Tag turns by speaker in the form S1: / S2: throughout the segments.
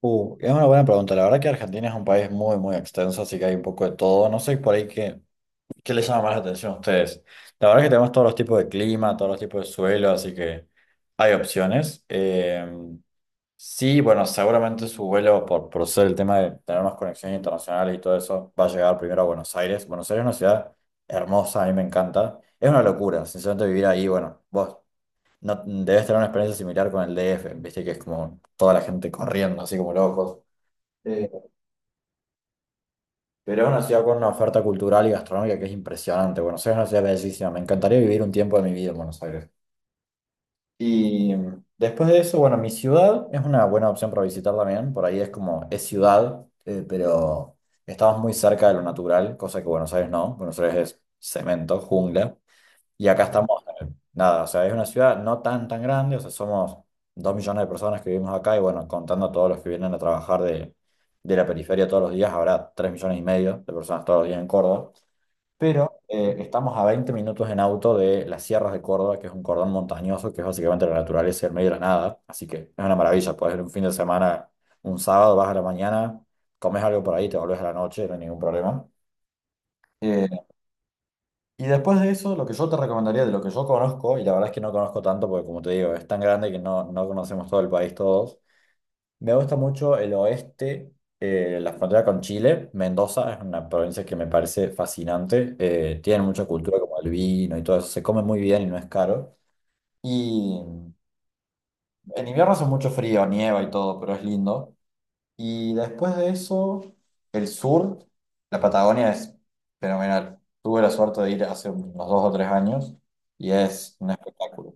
S1: Es una buena pregunta. La verdad que Argentina es un país muy, muy extenso, así que hay un poco de todo. No sé por ahí qué les llama más la atención a ustedes. La verdad que tenemos todos los tipos de clima, todos los tipos de suelo, así que hay opciones. Sí, bueno, seguramente su vuelo, por ser el tema de tener más conexiones internacionales y todo eso, va a llegar primero a Buenos Aires. Buenos Aires es una ciudad hermosa, a mí me encanta. Es una locura, sinceramente, vivir ahí. Bueno, vos no, debes tener una experiencia similar con el DF, viste que es como toda la gente corriendo, así como locos. Eh, pero es una ciudad con una oferta cultural y gastronómica que es impresionante. Buenos Aires es una ciudad bellísima. Me encantaría vivir un tiempo de mi vida en Buenos Aires. Y después de eso, bueno, mi ciudad es una buena opción para visitar también. Por ahí es como, es ciudad, pero estamos muy cerca de lo natural, cosa que Buenos Aires no. Buenos Aires es cemento, jungla. Y acá estamos, nada, o sea, es una ciudad no tan, tan grande, o sea, somos 2 millones de personas que vivimos acá y bueno, contando a todos los que vienen a trabajar de la periferia todos los días, habrá 3,5 millones de personas todos los días en Córdoba. Pero estamos a 20 minutos en auto de las sierras de Córdoba, que es un cordón montañoso, que es básicamente la naturaleza y el medio de la nada. Así que es una maravilla, puedes ir un fin de semana, un sábado, vas a la mañana, comes algo por ahí, te volvés a la noche, no hay ningún problema. Eh, y después de eso, lo que yo te recomendaría de lo que yo conozco, y la verdad es que no conozco tanto porque como te digo, es tan grande que no, no conocemos todo el país todos, me gusta mucho el oeste, la frontera con Chile, Mendoza es una provincia que me parece fascinante, tiene mucha cultura como el vino y todo eso, se come muy bien y no es caro. Y en invierno hace mucho frío, nieva y todo, pero es lindo. Y después de eso, el sur, la Patagonia es fenomenal. Tuve la suerte de ir hace unos 2 o 3 años y es un espectáculo.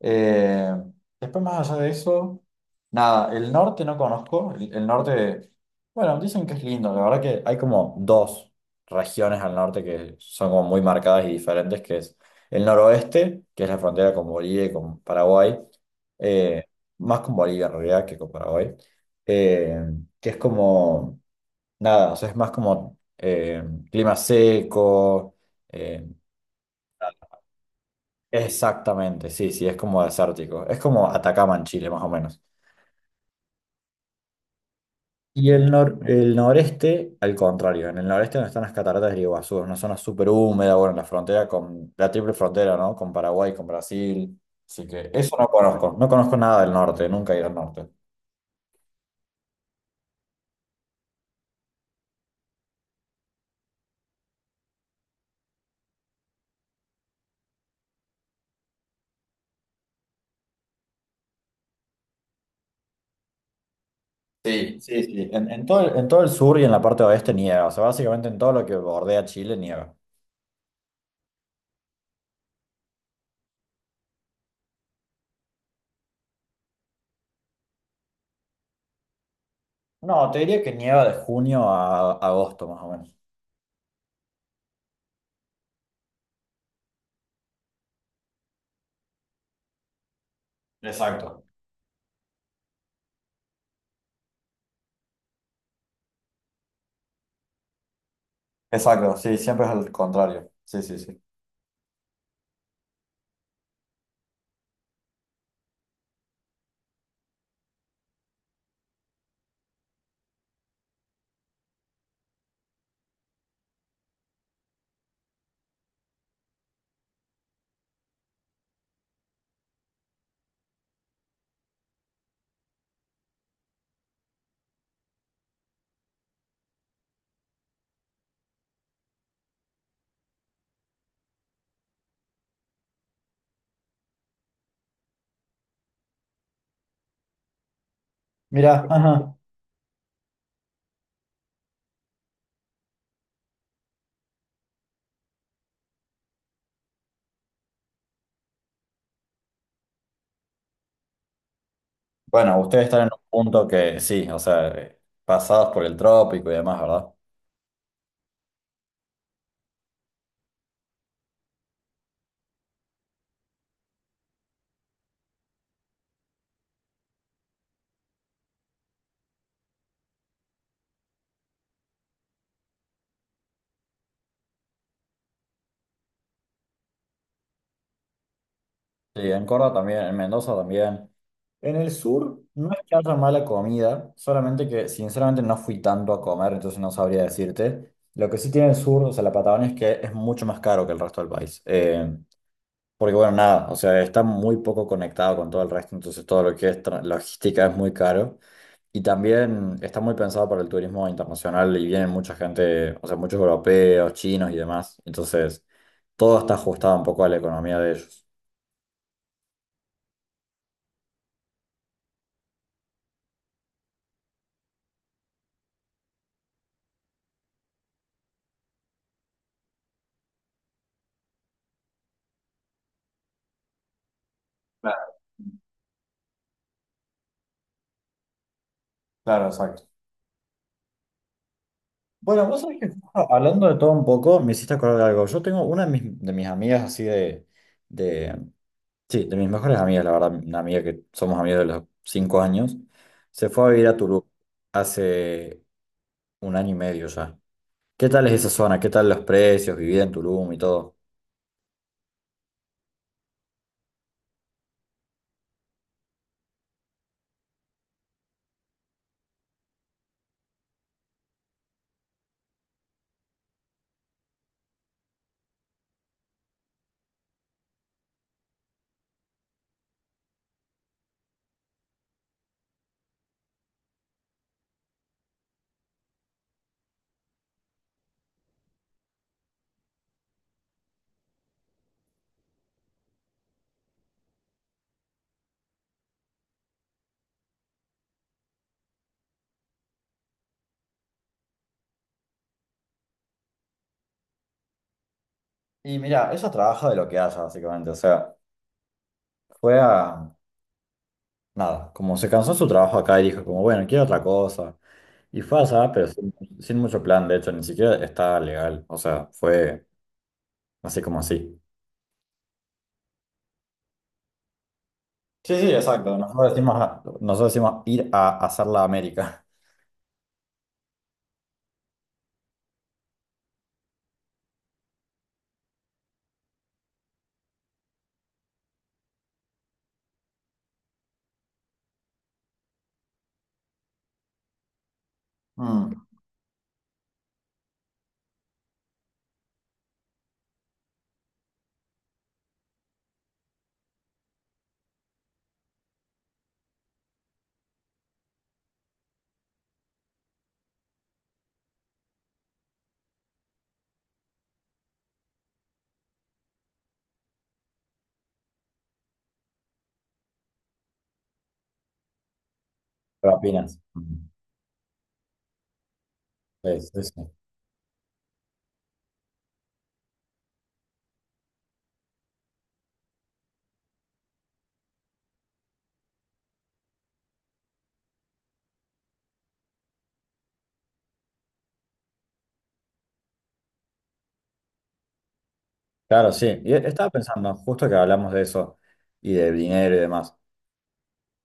S1: Eh, Después, más allá de eso, nada, el norte no conozco. El norte, bueno, dicen que es lindo. La verdad que hay como dos regiones al norte que son como muy marcadas y diferentes, que es el noroeste, que es la frontera con Bolivia y con Paraguay, eh, más con Bolivia en realidad que con Paraguay, eh, que es como, nada, o sea, es más como clima seco, eh, exactamente, sí, sí, es como desértico. Es como Atacama en Chile, más o menos. Y el, nor- el noreste, al contrario, en el noreste donde están las cataratas del Iguazú, es una zona súper húmeda, bueno, en la frontera con la triple frontera, ¿no? Con Paraguay, con Brasil. Así que eso no conozco, no conozco nada del norte, nunca he ido al norte. Sí, sí, sí. En todo, en todo el sur y en la parte oeste nieva, o sea, básicamente en todo lo que bordea Chile nieva. No, te diría que nieva de junio a agosto, más o menos. Exacto. Exacto, sí, siempre es al contrario. Sí, sí, sí. Mirá, ajá. Bueno, ustedes están en un punto que sí, o sea, pasados por el trópico y demás, ¿verdad? Sí, en Córdoba también, en Mendoza también. En el sur no es que haya mala comida, solamente que sinceramente no fui tanto a comer, entonces no sabría decirte. Lo que sí tiene el sur, o sea, la Patagonia es que es mucho más caro que el resto del país. Porque bueno, nada, o sea, está muy poco conectado con todo el resto, entonces todo lo que es logística es muy caro. Y también está muy pensado para el turismo internacional y vienen mucha gente, o sea, muchos europeos, chinos y demás. Entonces, todo está ajustado un poco a la economía de ellos. Claro, claro, exacto. Bueno, vos sabés que justo hablando de todo un poco, me hiciste acordar de algo. Yo tengo una de mis amigas así de, sí, de mis mejores amigas, la verdad, una amiga que somos amigos de los 5 años, se fue a vivir a Tulum hace un año y medio ya. ¿Qué tal es esa zona? ¿Qué tal los precios, vivir en Tulum y todo? Y mira, ella trabaja de lo que haya, básicamente. O sea, fue a... Nada, como se cansó su trabajo acá y dijo como, bueno, quiero otra cosa. Y fue allá, pero sin mucho plan, de hecho, ni siquiera estaba legal. O sea, fue así como así. Sí, sí, exacto. Nosotros decimos, nosotros decimos ir a hacer la América. Mm. Propinas. Mm. Sí, sí, sí. Claro, sí. Y estaba pensando, justo que hablamos de eso y de dinero y demás.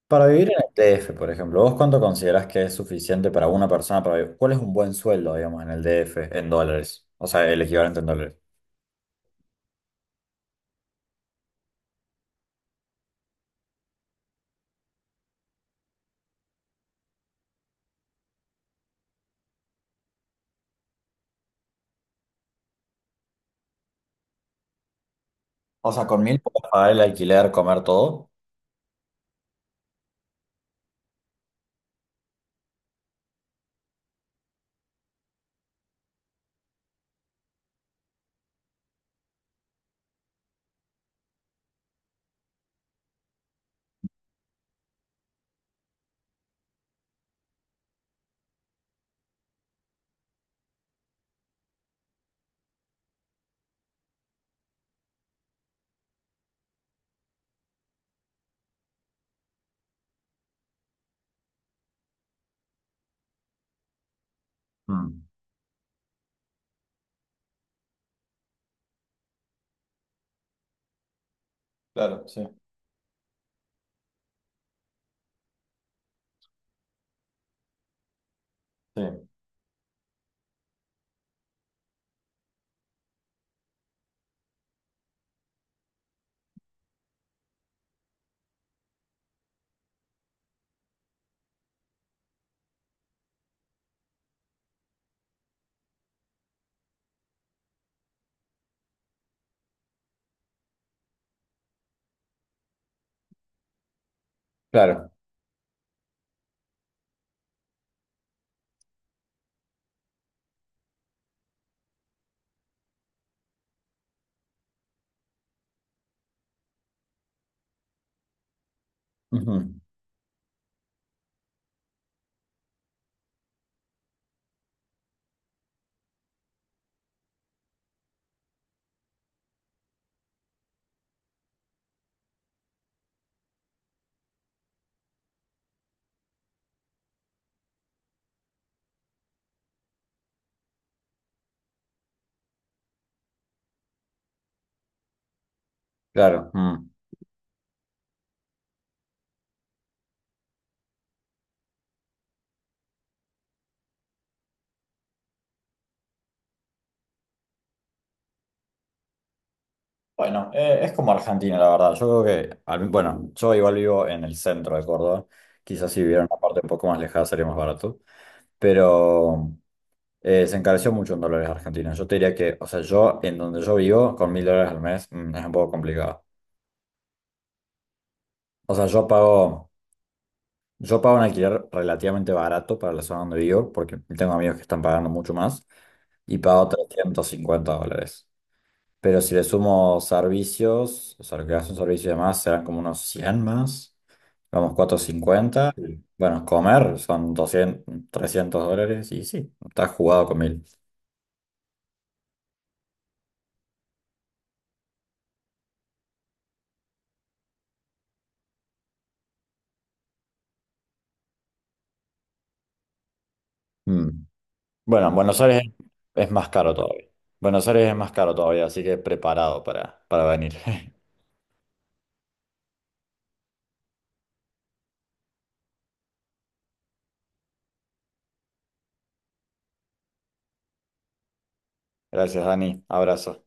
S1: Para vivir en el DF, por ejemplo, ¿vos cuánto considerás que es suficiente para una persona para vivir? ¿Cuál es un buen sueldo, digamos, en el DF, en dólares? O sea, el equivalente en dólares. O sea, con mil puedes pagar el alquiler, comer todo. Mm, claro, sí, sí. Claro. Ujú, claro. Mm. Bueno, es como Argentina, la verdad. Yo creo que, bueno, yo igual vivo en el centro de Córdoba. Quizás si viviera en una parte un poco más lejana sería más barato. Pero. Se encareció mucho en dólares argentinos. Yo te diría que, o sea, yo en donde yo vivo, con 1.000 dólares al mes, es un poco complicado. O sea, yo pago un alquiler relativamente barato para la zona donde vivo, porque tengo amigos que están pagando mucho más, y pago 350 dólares. Pero si le sumo servicios, o sea, lo que hace un servicio y demás, serán como unos 100 más, vamos, 450. Y, bueno, comer son 200, 300 dólares, y sí, está jugado con 1.000. Bueno, en Buenos Aires es más caro todavía. Buenos Aires es más caro todavía, así que preparado para venir. Gracias, Dani. Abrazo.